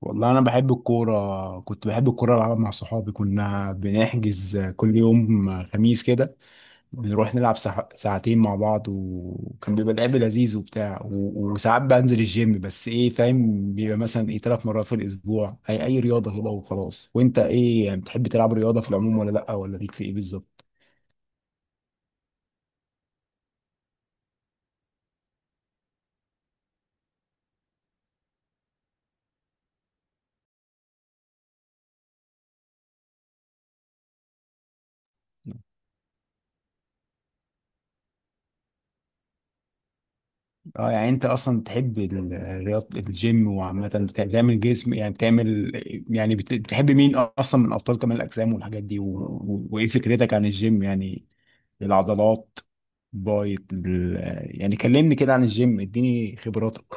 والله انا بحب الكوره، كنت بحب الكوره العبها مع صحابي، كنا بنحجز كل يوم خميس كده. بنروح نلعب ساعتين مع بعض، وكان بيبقى لعب لذيذ وبتاع، وساعات بنزل الجيم، بس ايه، فاهم، بيبقى مثلا ايه 3 مرات في الاسبوع، اي رياضه كده وخلاص. وانت ايه يعني، بتحب تلعب رياضه في العموم ولا لا، ولا ليك في ايه بالظبط؟ اه، يعني انت اصلا بتحب الرياض، الجيم وعامه، بتعمل جسم، يعني بتعمل، يعني بتحب مين اصلا من ابطال كمال الاجسام والحاجات دي وايه فكرتك عن الجيم يعني، العضلات، بايت ال... يعني كلمني كده عن الجيم، اديني خبراتك.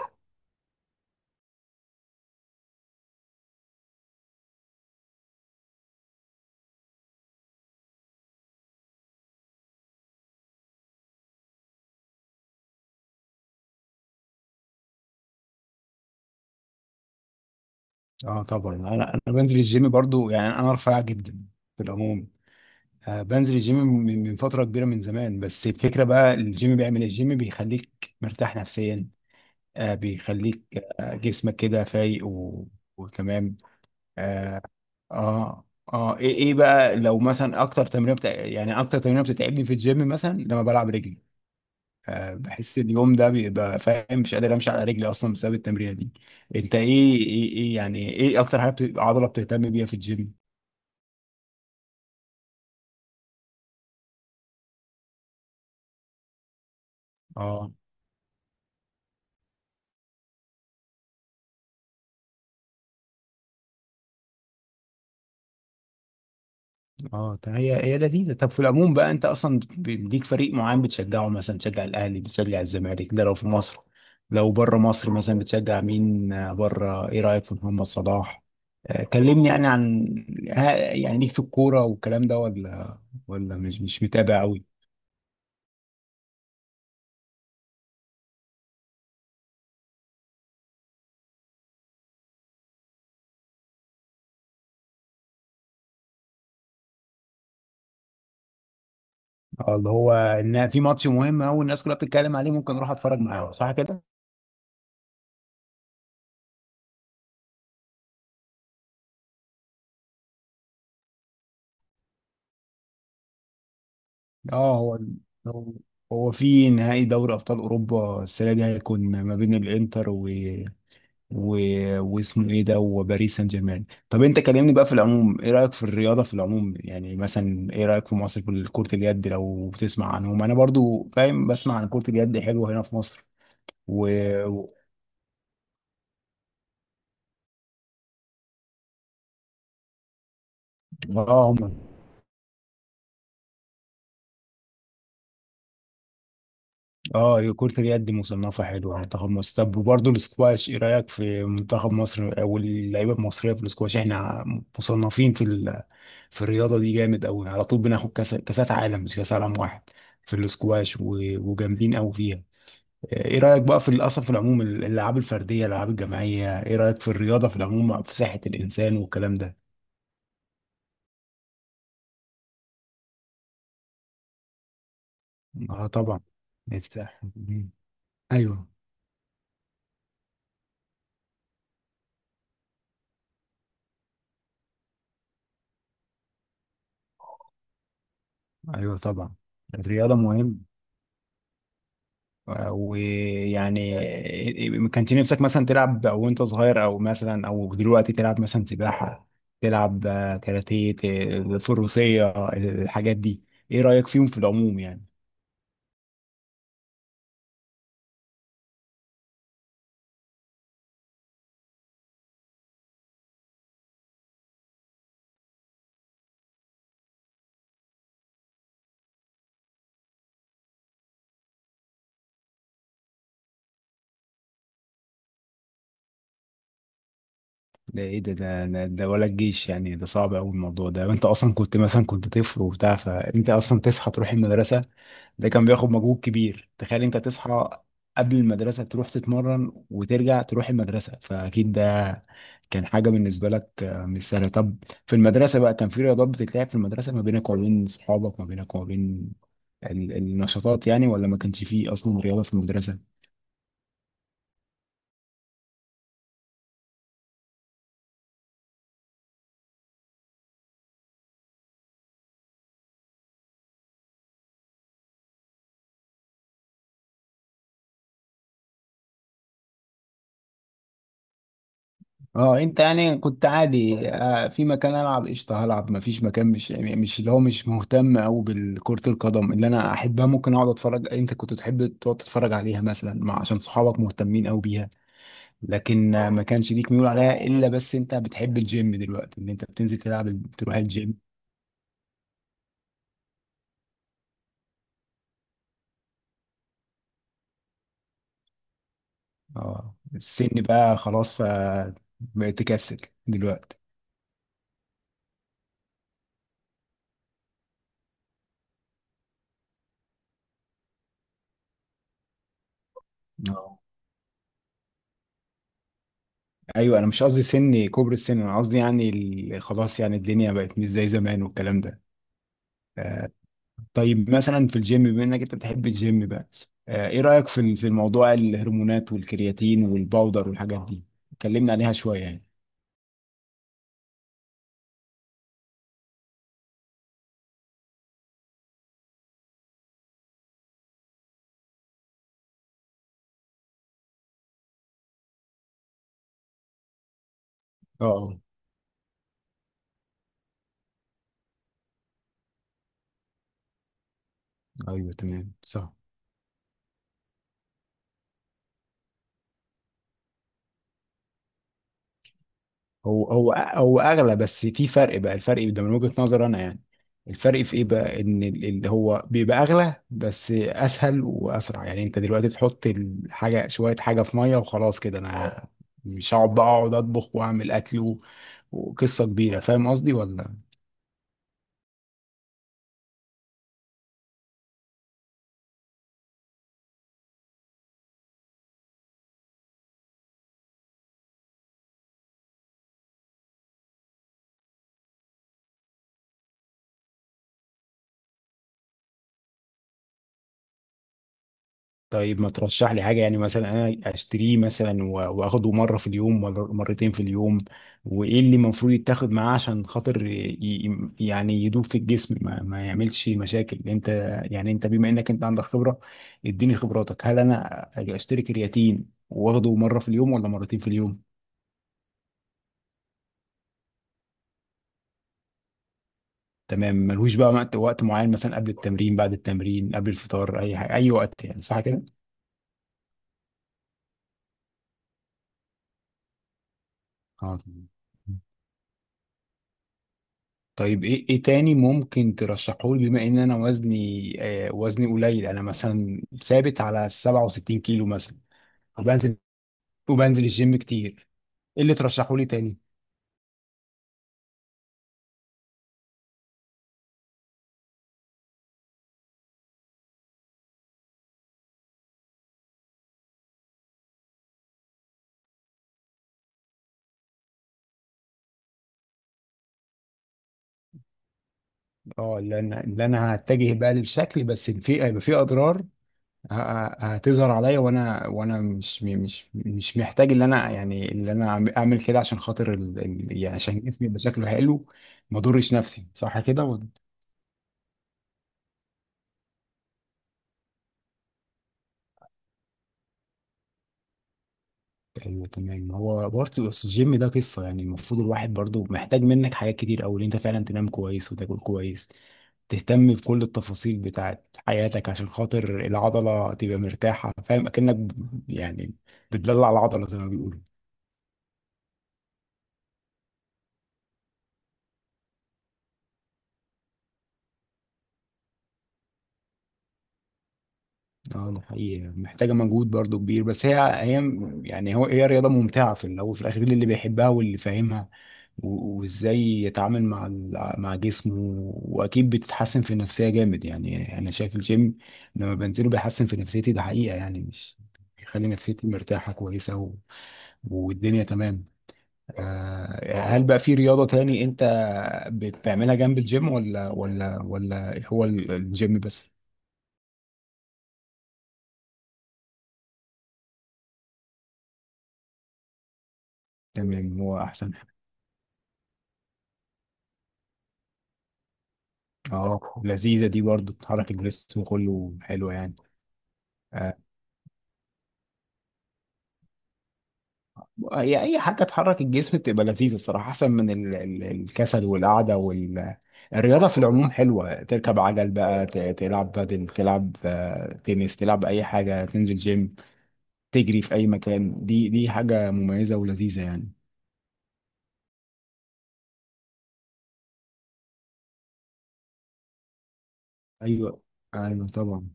اه طبعا، انا بنزل الجيم برضو، يعني انا رفيع جدا في العموم. آه بنزل الجيم من فتره كبيره، من زمان. بس الفكره بقى، الجيم بيعمل إيه؟ الجيم بيخليك مرتاح نفسيا، بيخليك جسمك كده فايق و... وتمام. اه اه، ايه ايه بقى لو مثلا اكتر تمرين يعني اكتر تمرين بتتعبني في الجيم مثلا لما بلعب رجلي، آه بحس اليوم ده بيبقى، فاهم، مش قادر امشي على رجلي اصلا بسبب التمرينه دي. انت ايه ايه ايه يعني، ايه اكتر حاجه عضله بتهتم بيها في الجيم؟ اه اه، طيب، هي لذيذه. طب في العموم بقى، انت اصلا ليك فريق معين بتشجعه؟ مثلا بتشجع الاهلي، بتشجع الزمالك، ده لو في مصر. لو بره مصر مثلا بتشجع مين؟ بره، ايه رايك في محمد صلاح؟ كلمني يعني عن يعني ليك في الكوره والكلام ده ولا، ولا مش متابع قوي؟ اه، اللي هو ان في ماتش مهم قوي الناس كلها بتتكلم عليه ممكن اروح اتفرج معاهم، صح كده؟ اه، هو هو في نهائي دوري ابطال اوروبا السنه دي، هيكون ما بين الانتر و... واسمه ايه ده، وباريس سان جيرمان. طب انت كلمني بقى في العموم، ايه رايك في الرياضه في العموم؟ يعني مثلا ايه رايك في مصر في كره اليد؟ لو بتسمع عنهم، انا برضو فاهم، بسمع عن كره اليد حلوه هنا في مصر و و- اه هم. اه، كره اليد مصنفه حلوه، منتخب مصر. طب وبرضه الاسكواش، ايه رايك في منتخب مصر او اللعيبه المصريه في الاسكواش؟ احنا مصنفين في الرياضه دي جامد قوي، على طول بناخد كاس، كاسات عالم، مش كاس عالم واحد في الاسكواش و... وجامدين قوي فيها. ايه رأيك بقى في، اصلا في العموم، الالعاب الفردية، الالعاب الجماعية، ايه رأيك في الرياضة في العموم، في صحة الانسان والكلام ده؟ اه طبعا. نفتح. ايوه. ايوه طبعا. الرياضة مهم. ويعني ما كانش نفسك مثلا تلعب او وانت صغير، او مثلا او دلوقتي تلعب مثلا سباحة، تلعب كاراتيه، فروسية، الحاجات دي، ايه رأيك فيهم في العموم يعني؟ ده ايه ده ده ولا الجيش؟ يعني ده صعب قوي الموضوع ده. انت اصلا كنت مثلا، كنت طفل وبتاع، فانت اصلا تصحى تروح المدرسه، ده كان بياخد مجهود كبير. تخيل انت تصحى قبل المدرسه تروح تتمرن وترجع تروح المدرسه، فاكيد ده كان حاجه بالنسبه لك مش سهله. طب في المدرسه بقى، كان في رياضات بتتلعب في المدرسه ما بينك وما بين صحابك، ما بينك وما بين النشاطات يعني، ولا ما كانش فيه اصلا رياضه في المدرسه؟ اه، انت يعني كنت عادي، في مكان العب قشطه هلعب، ما فيش مكان مش، يعني مش اللي هو مش مهتم قوي بالكرة القدم، اللي انا احبها ممكن اقعد اتفرج، انت كنت تحب تقعد تتفرج عليها مثلا مع، عشان صحابك مهتمين قوي بيها، لكن ما كانش ليك ميول عليها الا، بس انت بتحب الجيم دلوقتي، ان انت بتنزل تلعب تروح الجيم. اه السن بقى خلاص، ف بقيت تكسل دلوقتي. اه ايوه، انا مش قصدي سن، كبر السن، انا قصدي يعني خلاص يعني الدنيا بقت مش زي زمان والكلام ده. آه، طيب مثلا في الجيم، بما انك انت بتحب الجيم بقى، ايه رأيك في في الموضوع الهرمونات والكرياتين والباودر والحاجات دي؟ اتكلمنا عليها شوية يعني. اه اه. ايوه تمام صح. هو اغلى، بس في فرق بقى، الفرق ده من وجهة نظري انا يعني، الفرق في ايه بقى؟ ان اللي هو بيبقى اغلى بس اسهل واسرع، يعني انت دلوقتي بتحط الحاجه، شويه حاجه في ميه وخلاص كده، انا مش هقعد بقى اقعد اطبخ واعمل اكل وقصه كبيره، فاهم قصدي ولا؟ طيب ما ترشح لي حاجة، يعني مثلا أنا أشتريه مثلا وآخده مرة في اليوم ولا مرتين في اليوم؟ وإيه اللي المفروض يتاخد معاه عشان خاطر يعني يدوب في الجسم ما يعملش مشاكل. أنت يعني، أنت بما إنك أنت عندك خبرة، إديني خبراتك. هل أنا أجي أشتري كرياتين وآخده مرة في اليوم ولا مرتين في اليوم؟ تمام. ملهوش بقى وقت، وقت معين، مثلا قبل التمرين، بعد التمرين، قبل الفطار، أي حاجة، أي وقت يعني، صح كده؟ اه تمام. طيب ايه ايه تاني ممكن ترشحه لي؟ بما ان انا وزني، آه وزني قليل، انا مثلا ثابت على 67 كيلو مثلا، وبنزل، وبنزل الجيم كتير، ايه اللي ترشحه لي تاني؟ اه، اللي انا، اللي انا هتجه بقى للشكل، بس في هيبقى في اضرار ه- هتظهر عليا، وانا وانا مش محتاج ان انا يعني، اللي انا اعمل كده عشان خاطر ال... ال... يعني عشان جسمي يبقى شكله حلو. ما اضرش نفسي صح كده. ايوه تمام. هو برضه بس الجيم ده قصه، يعني المفروض الواحد برضه محتاج منك حاجات كتير قوي، ان انت فعلا تنام كويس وتاكل كويس، تهتم بكل التفاصيل بتاعت حياتك، عشان خاطر العضله تبقى مرتاحه، فاهم، اكنك يعني بتدلع العضله زي ما بيقولوا. اه ده حقيقي، محتاجه مجهود برضه كبير. بس هي يعني، هو هي رياضه ممتعه في الاول وفي الاخر اللي بيحبها واللي فاهمها وازاي يتعامل مع مع جسمه. واكيد بتتحسن في النفسيه جامد يعني، انا شايف الجيم لما بنزله بيحسن في نفسيتي، ده حقيقه يعني، مش، بيخلي نفسيتي مرتاحه كويسه و... والدنيا تمام. هل بقى في رياضه تاني انت بتعملها جنب الجيم، ولا ولا هو الجيم بس؟ تمام هو احسن. اه لذيذه دي برضه، بتحرك الجسم كله، حلوه يعني. آه، هي اي حاجه تحرك الجسم بتبقى لذيذه الصراحه، احسن من الكسل والقعده وال، الرياضه في العموم حلوه، تركب عجل بقى، تلعب بدل، تلعب تنس، تلعب اي حاجه، تنزل جيم، تجري في اي مكان، دي حاجه مميزه ولذيذه يعني. ايوه ايوه طبعا.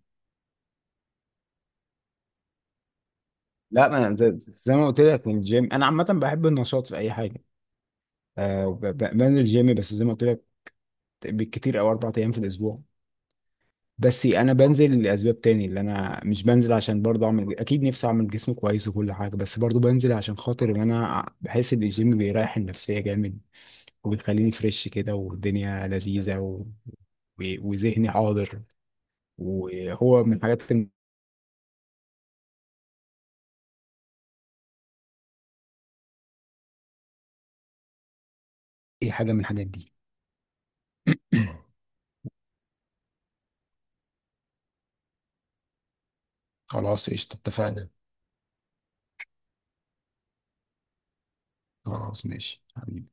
لا ما أنا زي ما قلت لك من الجيم، انا عامه بحب النشاط في اي حاجه. أه بنزل جيم بس زي ما قلت لك، بالكتير او 4 ايام في الاسبوع. بس انا بنزل لاسباب تاني، اللي انا مش بنزل عشان برضه اعمل، اكيد نفسي اعمل جسم كويس وكل حاجه، بس برضه بنزل عشان خاطر ان انا بحس ان الجيم بيريح النفسيه جامد، وبيخليني فريش كده، والدنيا لذيذه و... و... وذهني حاضر، وهو من الحاجات، اي حاجه من الحاجات دي. خلاص قشطه اتفقنا. خلاص ماشي حبيبي.